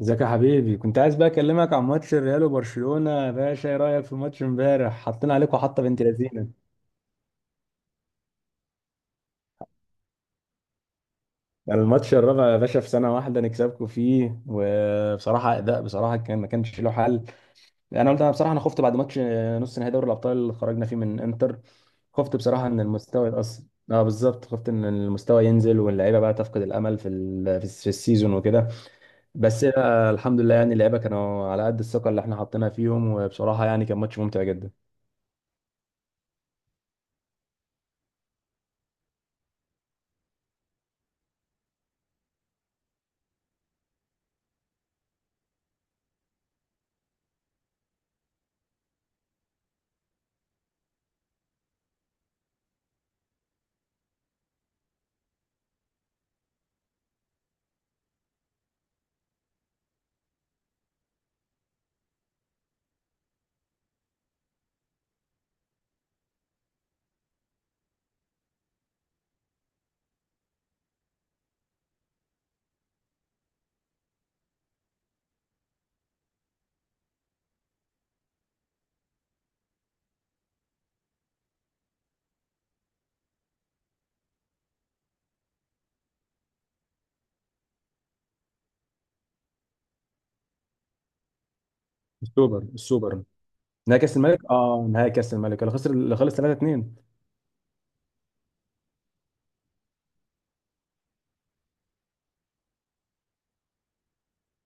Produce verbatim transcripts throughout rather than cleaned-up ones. ازيك يا حبيبي؟ كنت عايز بقى اكلمك عن ماتش الريال وبرشلونة يا باشا. ايه رأيك في ماتش امبارح؟ حطينا عليكم حطة بنت لذينة. يعني الماتش الرابع يا باشا في سنة واحدة نكسبكم فيه، وبصراحة أداء بصراحة كان ما كانش له حل. أنا قلت أنا بصراحة أنا خفت بعد ماتش نص نهائي دوري الأبطال اللي خرجنا فيه من إنتر. خفت بصراحة إن المستوى يتأثر. أه بالظبط، خفت إن المستوى ينزل واللعيبة بقى تفقد الأمل في ال- في الس- في السيزون وكده. بس آه، الحمد لله، يعني اللعيبة كانوا على قد الثقة اللي إحنا حطيناها فيهم، وبصراحة يعني كان ماتش ممتع جدا. السوبر السوبر. نهائي كاس الملك، اه نهائي كاس الملك اللي خسر اللي خلص ثلاثة اثنين.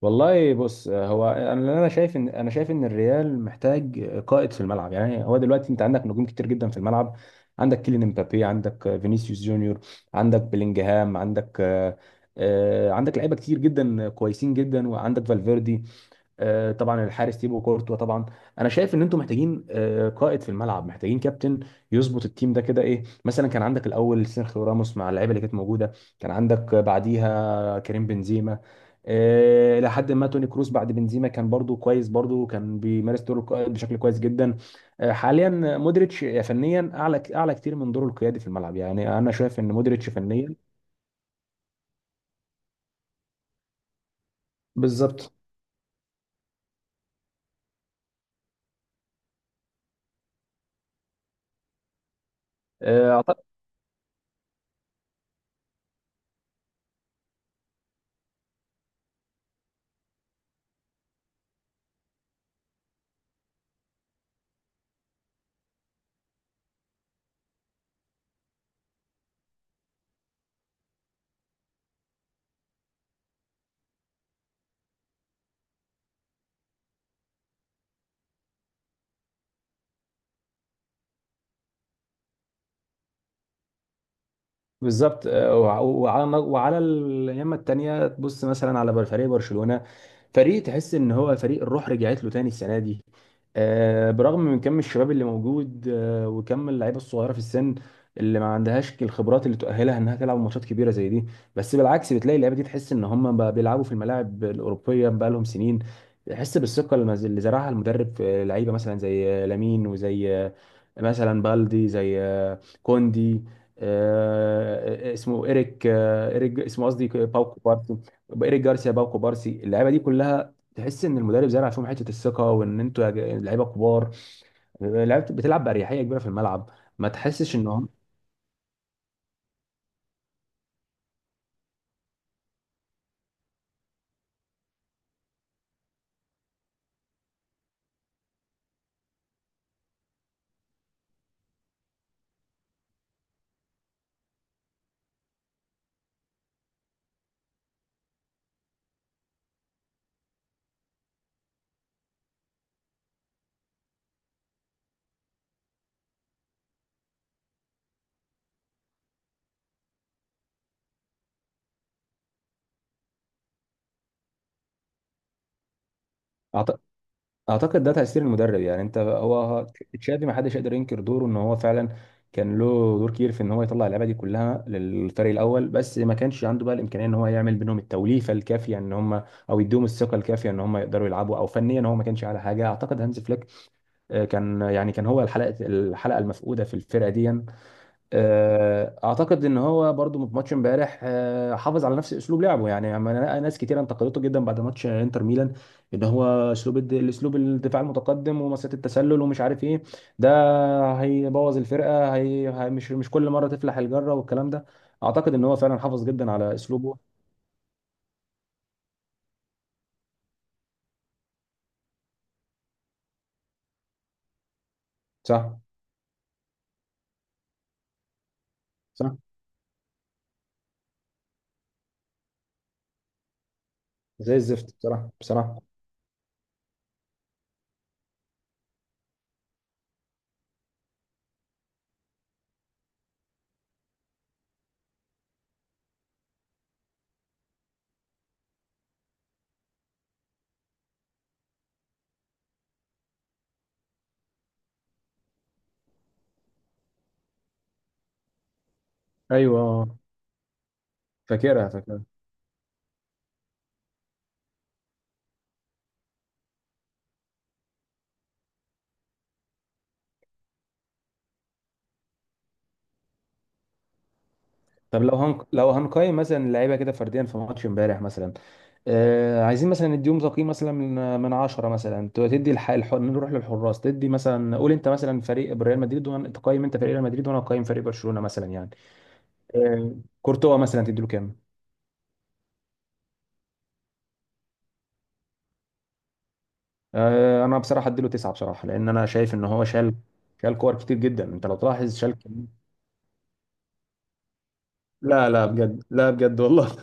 والله بص، هو انا اللي انا شايف ان انا شايف ان الريال محتاج قائد في الملعب. يعني هو دلوقتي انت عندك نجوم كتير جدا في الملعب. عندك كيليان امبابي، عندك فينيسيوس جونيور، عندك بلينجهام، عندك آه، آه، عندك لعيبه كتير جدا كويسين جدا، وعندك فالفيردي، آه، طبعا الحارس تيبو كورتوا طبعا. انا شايف ان انتم محتاجين آه، قائد في الملعب، محتاجين كابتن يظبط التيم ده كده. ايه مثلا كان عندك الاول سيرخيو راموس مع اللعيبه اللي كانت موجوده، كان عندك بعديها كريم بنزيما، آه، لحد ما توني كروس بعد بنزيما كان برضو كويس، برضو كان بيمارس دور القائد بشكل كويس جدا. آه، حاليا مودريتش فنيا اعلى، اعلى كتير من دوره القيادي في الملعب. يعني انا شايف ان مودريتش فنيا بالظبط. آه، بالظبط آه، وع- وعلى وعلى اليمة التانية تبص مثلا على بر- فريق برشلونة، فريق تحس ان هو فريق الروح رجعت له تاني السنة دي. آه، برغم من كم الشباب اللي موجود، آه، وكم اللعيبة الصغيرة في السن اللي ما عندهاش الخبرات اللي تؤهلها انها تلعب ماتشات كبيرة زي دي. بس بالعكس بتلاقي اللعيبة دي تحس ان هم بقى بيلعبوا في الملاعب الأوروبية بقى لهم سنين. تحس بالثقة اللي مز- اللي زرعها المدرب في لعيبة مثلا زي آه، لامين، وزي آه، مثلا بالدي، زي آه، كوندي، آه، اسمه إيريك، آه، إيريك اسمه قصدي باوكو بارسي. إيريك جارسيا باوكو بارسي. اللعيبة دي كلها تحس ان المدرب زرع فيهم حته الثقه، وان انتوا يا جا- لعيبه كبار. آه، لعيبه بتلعب باريحيه كبيره في الملعب، ما تحسش ان هم. اعتقد ده تأثير المدرب. يعني انت هو تشافي ما حدش يقدر ينكر دوره، ان هو فعلا كان له دور كبير في ان هو يطلع اللعيبه دي كلها للفريق الاول، بس ما كانش عنده بقى الامكانيه ان هو يعمل بينهم التوليفه الكافيه ان هم، او يديهم الثقه الكافيه ان هم يقدروا يلعبوا، او فنيا هو ما كانش على حاجه. اعتقد هانز فليك آه، كان يعني كان هو الحلقه الحلقه المفقوده في الفرقه دي. آه، اعتقد ان هو برضو في ماتش امبارح آه، حافظ على نفس اسلوب لعبه. يعني اما أنا- ناس كتير انتقدته جدا بعد ماتش انتر ميلان ان هو اسلوب الد- الاسلوب الدفاع المتقدم ومسات التسلل ومش عارف ايه ده هيبوظ الفرقه. هي هي- مش مش كل مره تفلح الجره والكلام ده. اعتقد ان هو فعلا حافظ جدا على اسلوبه. صح. صح. زي الزفت، بصراحه بصراحه. ايوه، فاكرها فاكرها. طب لو هن... لو هنقيم مثلا اللعيبه كده فرديا في ماتش امبارح مثلا. آه... عايزين مثلا نديهم تقييم مثلا من من عشرة مثلا. ت- تدي الح... الح... نروح للحراس. تدي مثلا، قول انت مثلا فريق ريال مدريد، وانا تقيم انت فريق ريال مدريد وانا اقيم فريق برشلونه مثلا يعني. آه... كورتوا مثلا تدي له كام؟ آه... انا بصراحه ادي له تسعة بصراحه، لان انا شايف ان هو شال، شال كور كتير جدا. انت لو تلاحظ شال. لا لا بجد، لا بجد والله.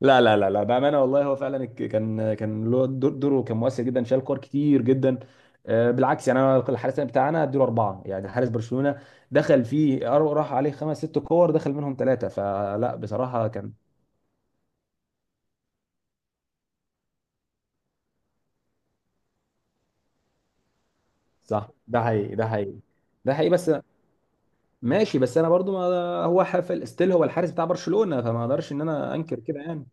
لا لا لا لا، بأمانة والله هو فعلا ك- كان كان له دور، دوره كان مؤثر جدا، شال كور كتير جدا. آه، بالعكس يعني انا الحارس بتاعنا اديله اربعه، يعني حارس برشلونة دخل فيه أر- راح عليه خمس ست كور دخل منهم ثلاثه، فلا بصراحة كان. صح، ده حقيقي، ده حقيقي. ده حقيقي بس، ماشي بس انا برضو ما، هو حفل استيل هو الحارس بتاع برشلونة فما اقدرش ان انا انكر كده يعني.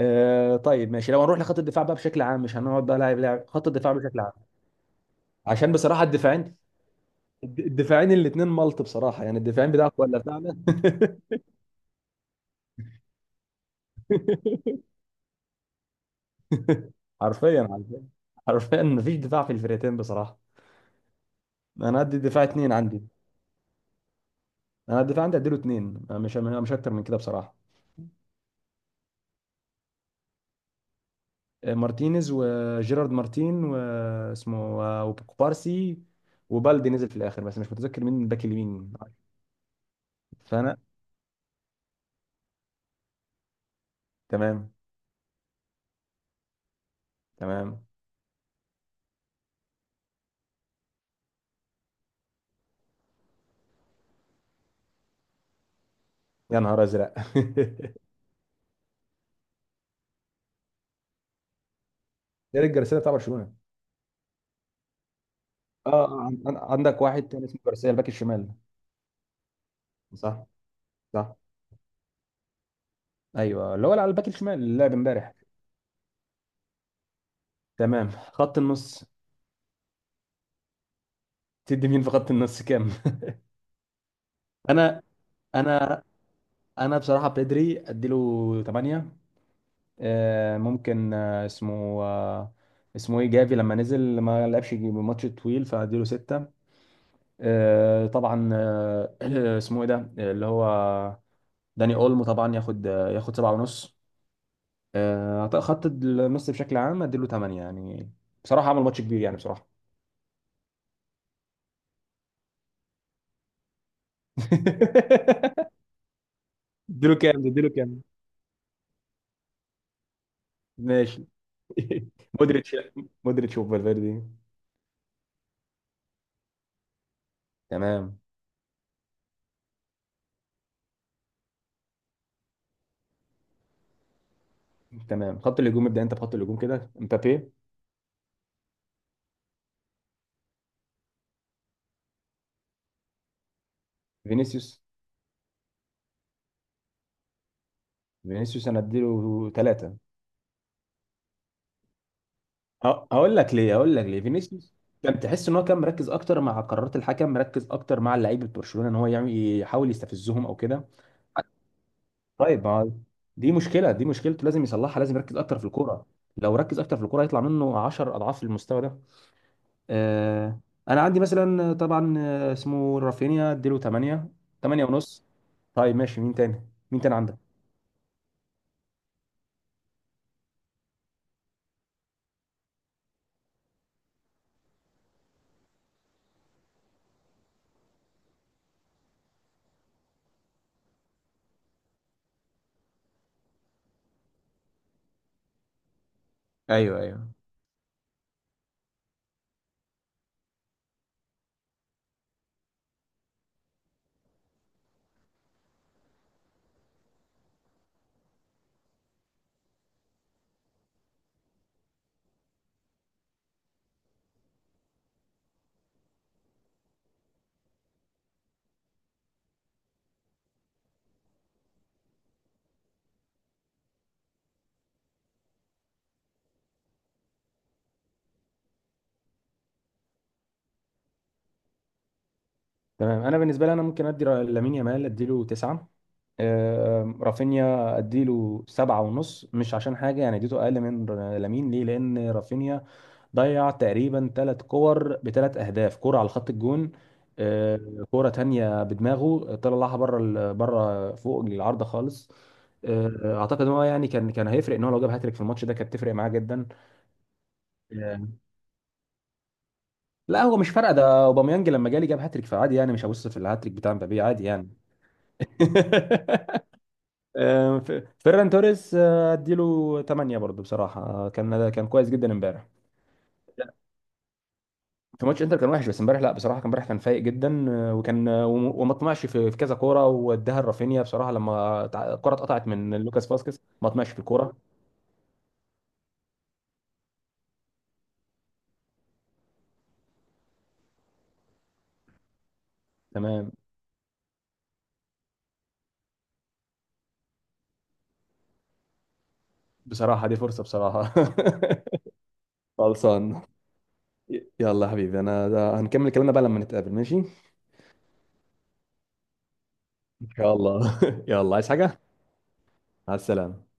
آه طيب ماشي، لو هنروح لخط الدفاع بقى بشكل عام، مش هنقعد بقى لاعب لاعب، خط الدفاع بشكل عام عشان بصراحه الدفاعين، الد- الدفاعين الاثنين ملط بصراحه. يعني الدفاعين بتاعك ولا بتاعنا؟ حرفيا، حرفيا، حرفيا مفيش دفاع في الفرقتين بصراحه. انا ادي الدفاع اثنين عندي. انا الدفاع عندي اديله اثنين، مش مش اكتر من كده بصراحه. آه، مارتينيز وجيرارد مارتين واسمه آه، وكوبارسي، وبالدي نزل في الاخر، بس مش متذكر مين الباك اليمين. فانا تمام. تمام. يا نهار ازرق. ايريك جارسيا بتاع برشلونه. اه آه، عن- عن- عندك واحد تاني اسمه جارسيا، الباك الشمال. صح. صح. ايوه، اللي هو اللي على الباك الشمال اللي لعب امبارح. تمام، خط النص. تدي مين في خط النص كام؟ انا، انا، انا بصراحه بيدري اديله تمانية. ممكن آه، اسمه آه، اسمه ايه، جافي، لما نزل ما لعبش ماتش طويل فاديله ستة. طبعا آه، اسمه ايه ده اللي هو داني اولمو، طبعا ياخد آه، ياخد سبعة ونص. آه، خط النص بشكل عام اديله تمانية يعني، بصراحه عمل ماتش كبير يعني بصراحه. اديله كام ده، اديله كام؟ ماشي. مودريتش، مودريتش وفالفيردي. تمام. تمام، خط الهجوم. ابدا انت بخط الهجوم كده، مبابي. فينيسيوس، فينيسيوس انا اديله ثلاثة. ه- هقول لك ليه، هقول لك ليه. فينيسيوس كان تحس ان هو كان مركز اكتر مع قرارات الحكم، مركز اكتر مع لعيبه برشلونه ان هو يعمل، يحاول يستفزهم او كده. طيب ما دي مشكله، دي مشكلته لازم يصلحها، لازم يركز اكتر في الكوره. لو ركز اكتر في الكوره هيطلع منه عشرة اضعاف المستوى ده. آه، انا عندي مثلا آه، طبعا آه، اسمه رافينيا اديله تمانية، تمانية ونص. طيب ماشي، مين تاني مين تاني عندك؟ ايوه، ايوه. تمام، انا بالنسبه لي انا ممكن ادي را- لامين يامال اديله تسعة. آه، رافينيا اديله سبعة ونص، مش عشان حاجه يعني اديته اقل من ر- لامين. ليه؟ لان رافينيا ضيع تقريبا ثلاث كور بثلاث اهداف، كرة على خط الجون، آه، كرة تانية بدماغه طلعها بره، بره فوق العارضة خالص. آه، اعتقد ان هو يعني كان كان هيفرق ان هو لو جاب هاتريك في الماتش ده، كانت تفرق معاه جدا. آه، لا هو مش فارقه، ده اوباميانج لما جالي جاب هاتريك فعادي يعني، مش هبص في الهاتريك بتاع مبابي عادي يعني. آه، ف- فيران توريس آه، اديله تمانية برضه بصراحة، آه، كان كان كويس جدا امبارح. في ماتش انتر كان وحش، بس امبارح لا بصراحه، كان امبارح كان فايق جدا، آه، وكان آه، وم- وما طمعش في في كذا كوره، واداها لرافينيا بصراحه لما تع- الكره اتقطعت من لوكاس فاسكيز ما طمعش في الكوره. تمام. بصراحه دي فرصه بصراحه. خلصان. ي- يلا يا حبيبي، انا ده هنكمل كلامنا بقى لما نتقابل ماشي. ان شاء الله. يلا، عايز حاجه؟ مع السلامه.